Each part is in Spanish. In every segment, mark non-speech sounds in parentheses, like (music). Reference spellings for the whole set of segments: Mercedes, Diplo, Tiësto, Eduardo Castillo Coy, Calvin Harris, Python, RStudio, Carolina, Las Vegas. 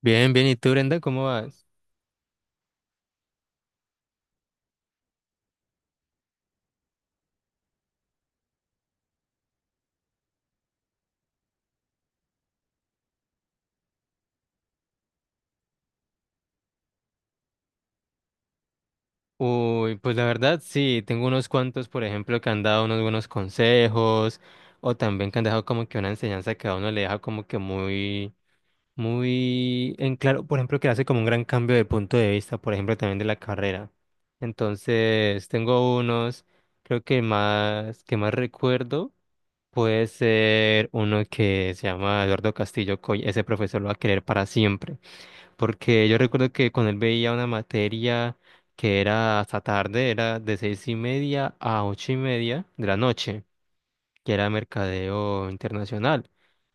Bien, bien. ¿Y tú, Brenda, cómo vas? Uy, pues la verdad, sí, tengo unos cuantos, por ejemplo, que han dado unos buenos consejos o también que han dejado como que una enseñanza que a uno le deja como que muy, muy en claro, por ejemplo, que hace como un gran cambio de punto de vista, por ejemplo, también de la carrera. Entonces, tengo unos, creo que más recuerdo. Puede ser uno que se llama Eduardo Castillo Coy, ese profesor lo va a querer para siempre, porque yo recuerdo que con él veía una materia que era hasta tarde, era de 6:30 a 8:30 de la noche, que era mercadeo internacional.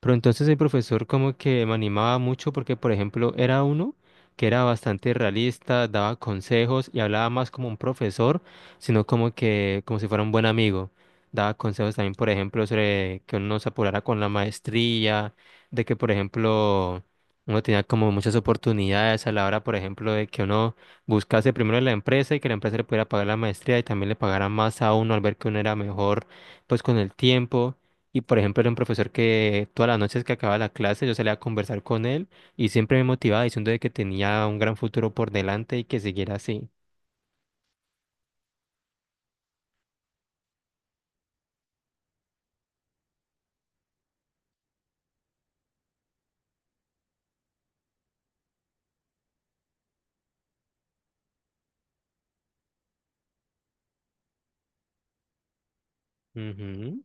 Pero entonces el profesor como que me animaba mucho porque, por ejemplo, era uno que era bastante realista, daba consejos y hablaba más como un profesor, sino como que como si fuera un buen amigo. Daba consejos también, por ejemplo, sobre que uno se apurara con la maestría, de que, por ejemplo, uno tenía como muchas oportunidades a la hora, por ejemplo, de que uno buscase primero la empresa y que la empresa le pudiera pagar la maestría y también le pagara más a uno al ver que uno era mejor pues con el tiempo. Y, por ejemplo, era un profesor que todas las noches que acababa la clase yo salía a conversar con él y siempre me motivaba diciendo de que tenía un gran futuro por delante y que siguiera así. Ujú,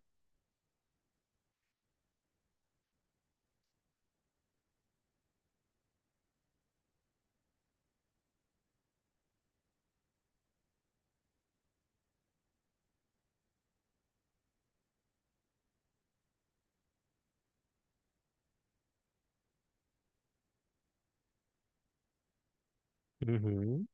ujú.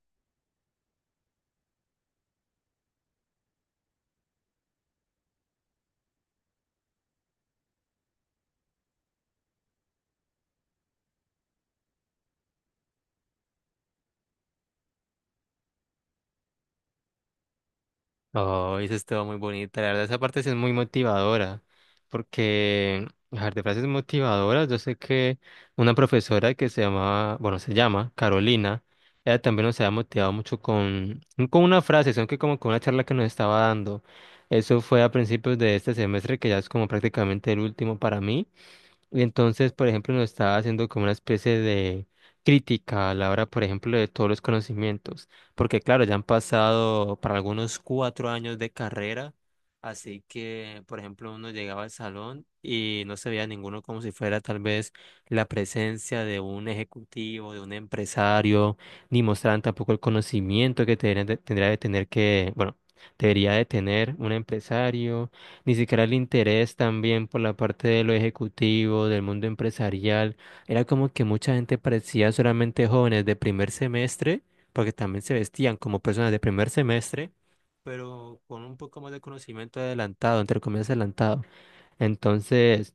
Oh, eso estuvo muy bonita. La verdad, esa parte sí es muy motivadora. Porque, a ver, de frases motivadoras, yo sé que una profesora que se llamaba, bueno, se llama Carolina, ella también nos había motivado mucho con, no con una frase, sino que como con una charla que nos estaba dando. Eso fue a principios de este semestre, que ya es como prácticamente el último para mí. Y entonces, por ejemplo, nos estaba haciendo como una especie de crítica a la hora, por ejemplo, de todos los conocimientos, porque claro, ya han pasado para algunos 4 años de carrera, así que, por ejemplo, uno llegaba al salón y no se veía ninguno como si fuera tal vez la presencia de un ejecutivo, de un empresario, ni mostraban tampoco el conocimiento que tendría de tener que, bueno, debería de tener un empresario, ni siquiera el interés también por la parte de lo ejecutivo, del mundo empresarial. Era como que mucha gente parecía solamente jóvenes de primer semestre, porque también se vestían como personas de primer semestre, pero con un poco más de conocimiento adelantado, entre comillas adelantado. Entonces,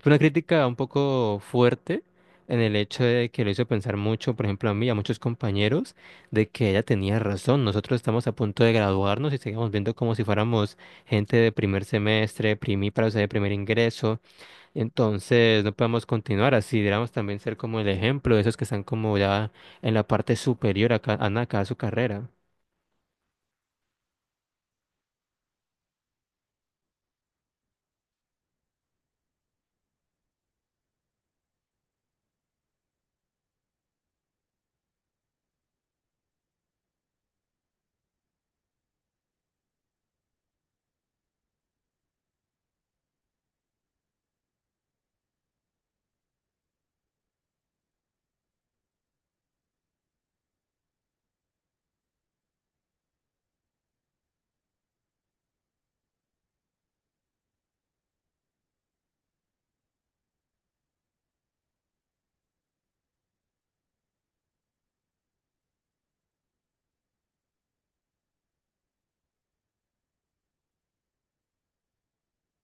fue una crítica un poco fuerte en el hecho de que lo hizo pensar mucho, por ejemplo, a mí y a muchos compañeros, de que ella tenía razón. Nosotros estamos a punto de graduarnos y seguimos viendo como si fuéramos gente de primer semestre, primíparos de primer ingreso. Entonces, no podemos continuar así. Deberíamos también ser como el ejemplo de esos que están como ya en la parte superior acá a su carrera.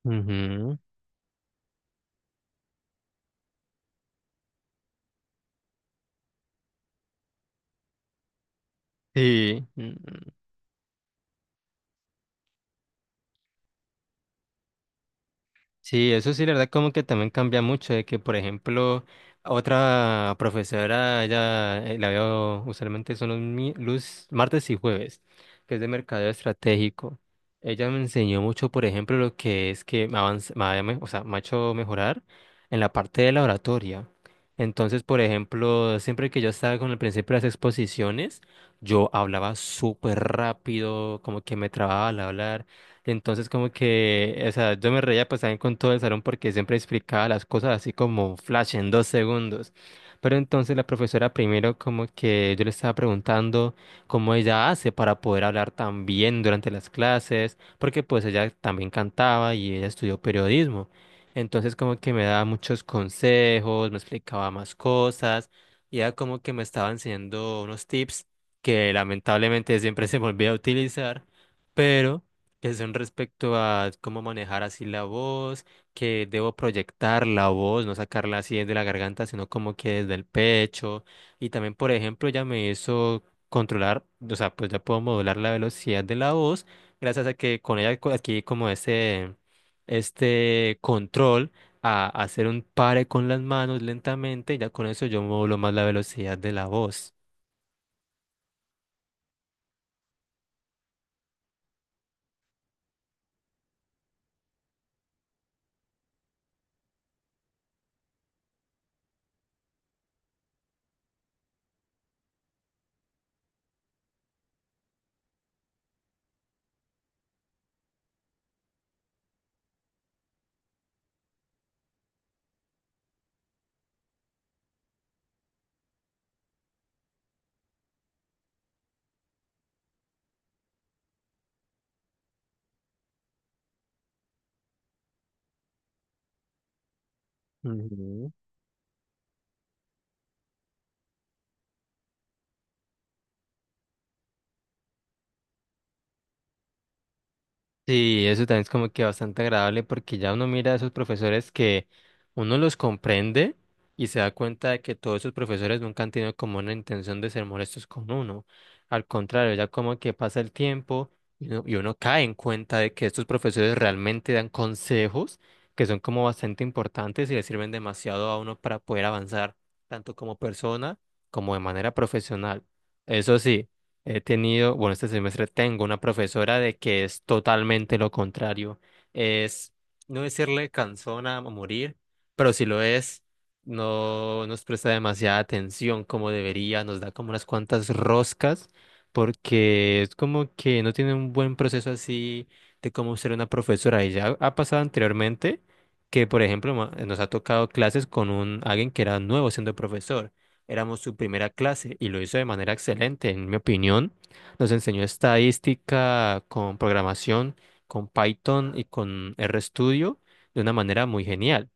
Ujú. Sí. Sí, eso sí, la verdad, como que también cambia mucho, de que, por ejemplo, otra profesora, ella la veo usualmente son los martes y jueves, que es de mercadeo estratégico. Ella me enseñó mucho, por ejemplo, lo que es que me, avanz- me ha me- o sea, me ha hecho mejorar en la parte de la oratoria. Entonces, por ejemplo, siempre que yo estaba con el principio de las exposiciones, yo hablaba súper rápido, como que me trababa al hablar. Entonces como que, o sea, yo me reía pues también con todo el salón porque siempre explicaba las cosas así como flash en 2 segundos. Pero entonces la profesora primero como que yo le estaba preguntando cómo ella hace para poder hablar tan bien durante las clases, porque pues ella también cantaba y ella estudió periodismo. Entonces como que me daba muchos consejos, me explicaba más cosas y ella como que me estaba enseñando unos tips que lamentablemente siempre (laughs) se me olvida utilizar, pero que son respecto a cómo manejar así la voz, que debo proyectar la voz, no sacarla así desde la garganta, sino como que desde el pecho. Y también, por ejemplo, ya me hizo controlar, o sea, pues ya puedo modular la velocidad de la voz, gracias a que con ella adquirí como ese, este control a hacer un pare con las manos lentamente, y ya con eso yo modulo más la velocidad de la voz. Ujú. Sí, eso también es como que bastante agradable porque ya uno mira a esos profesores que uno los comprende y se da cuenta de que todos esos profesores nunca han tenido como una intención de ser molestos con uno. Al contrario, ya como que pasa el tiempo y uno cae en cuenta de que estos profesores realmente dan consejos que son como bastante importantes y le sirven demasiado a uno para poder avanzar, tanto como persona como de manera profesional. Eso sí. He tenido, bueno, este semestre tengo una profesora de que es totalmente lo contrario. Es no decirle cansona a morir, pero si lo es, no nos presta demasiada atención como debería, nos da como unas cuantas roscas, porque es como que no tiene un buen proceso así de cómo ser una profesora. Y ya ha pasado anteriormente que, por ejemplo, nos ha tocado clases con un alguien que era nuevo siendo profesor. Éramos su primera clase y lo hizo de manera excelente, en mi opinión. Nos enseñó estadística con programación, con Python y con RStudio de una manera muy genial.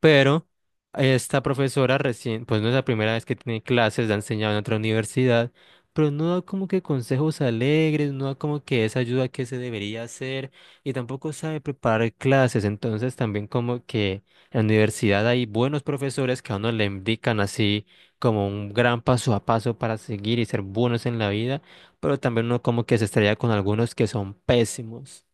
Pero esta profesora recién, pues no es la primera vez que tiene clases, la ha enseñado en otra universidad, pero no da como que consejos alegres, no da como que esa ayuda que se debería hacer y tampoco sabe preparar clases. Entonces también como que en la universidad hay buenos profesores que a uno le indican así como un gran paso a paso para seguir y ser buenos en la vida, pero también uno como que se estrella con algunos que son pésimos.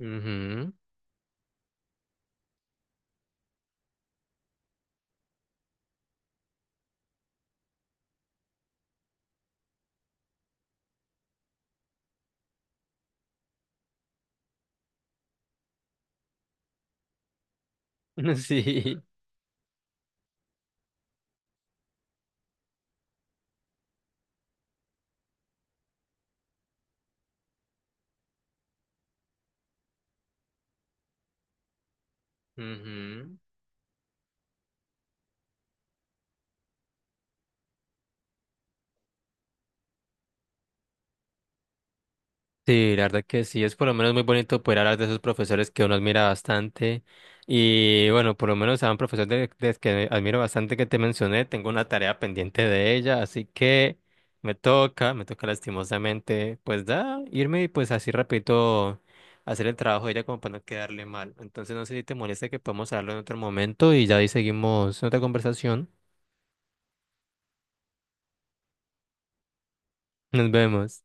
Ujú. (laughs) Sí. Ujú. Sí, la verdad que sí, es por lo menos muy bonito poder hablar de esos profesores que uno admira bastante. Y bueno, por lo menos a un profesor de que admiro bastante que te mencioné, tengo una tarea pendiente de ella, así que me toca lastimosamente, pues da, irme y pues así repito, hacer el trabajo de ella como para no quedarle mal. Entonces no sé si te molesta que podamos hablarlo en otro momento y ya ahí seguimos otra conversación. Nos vemos.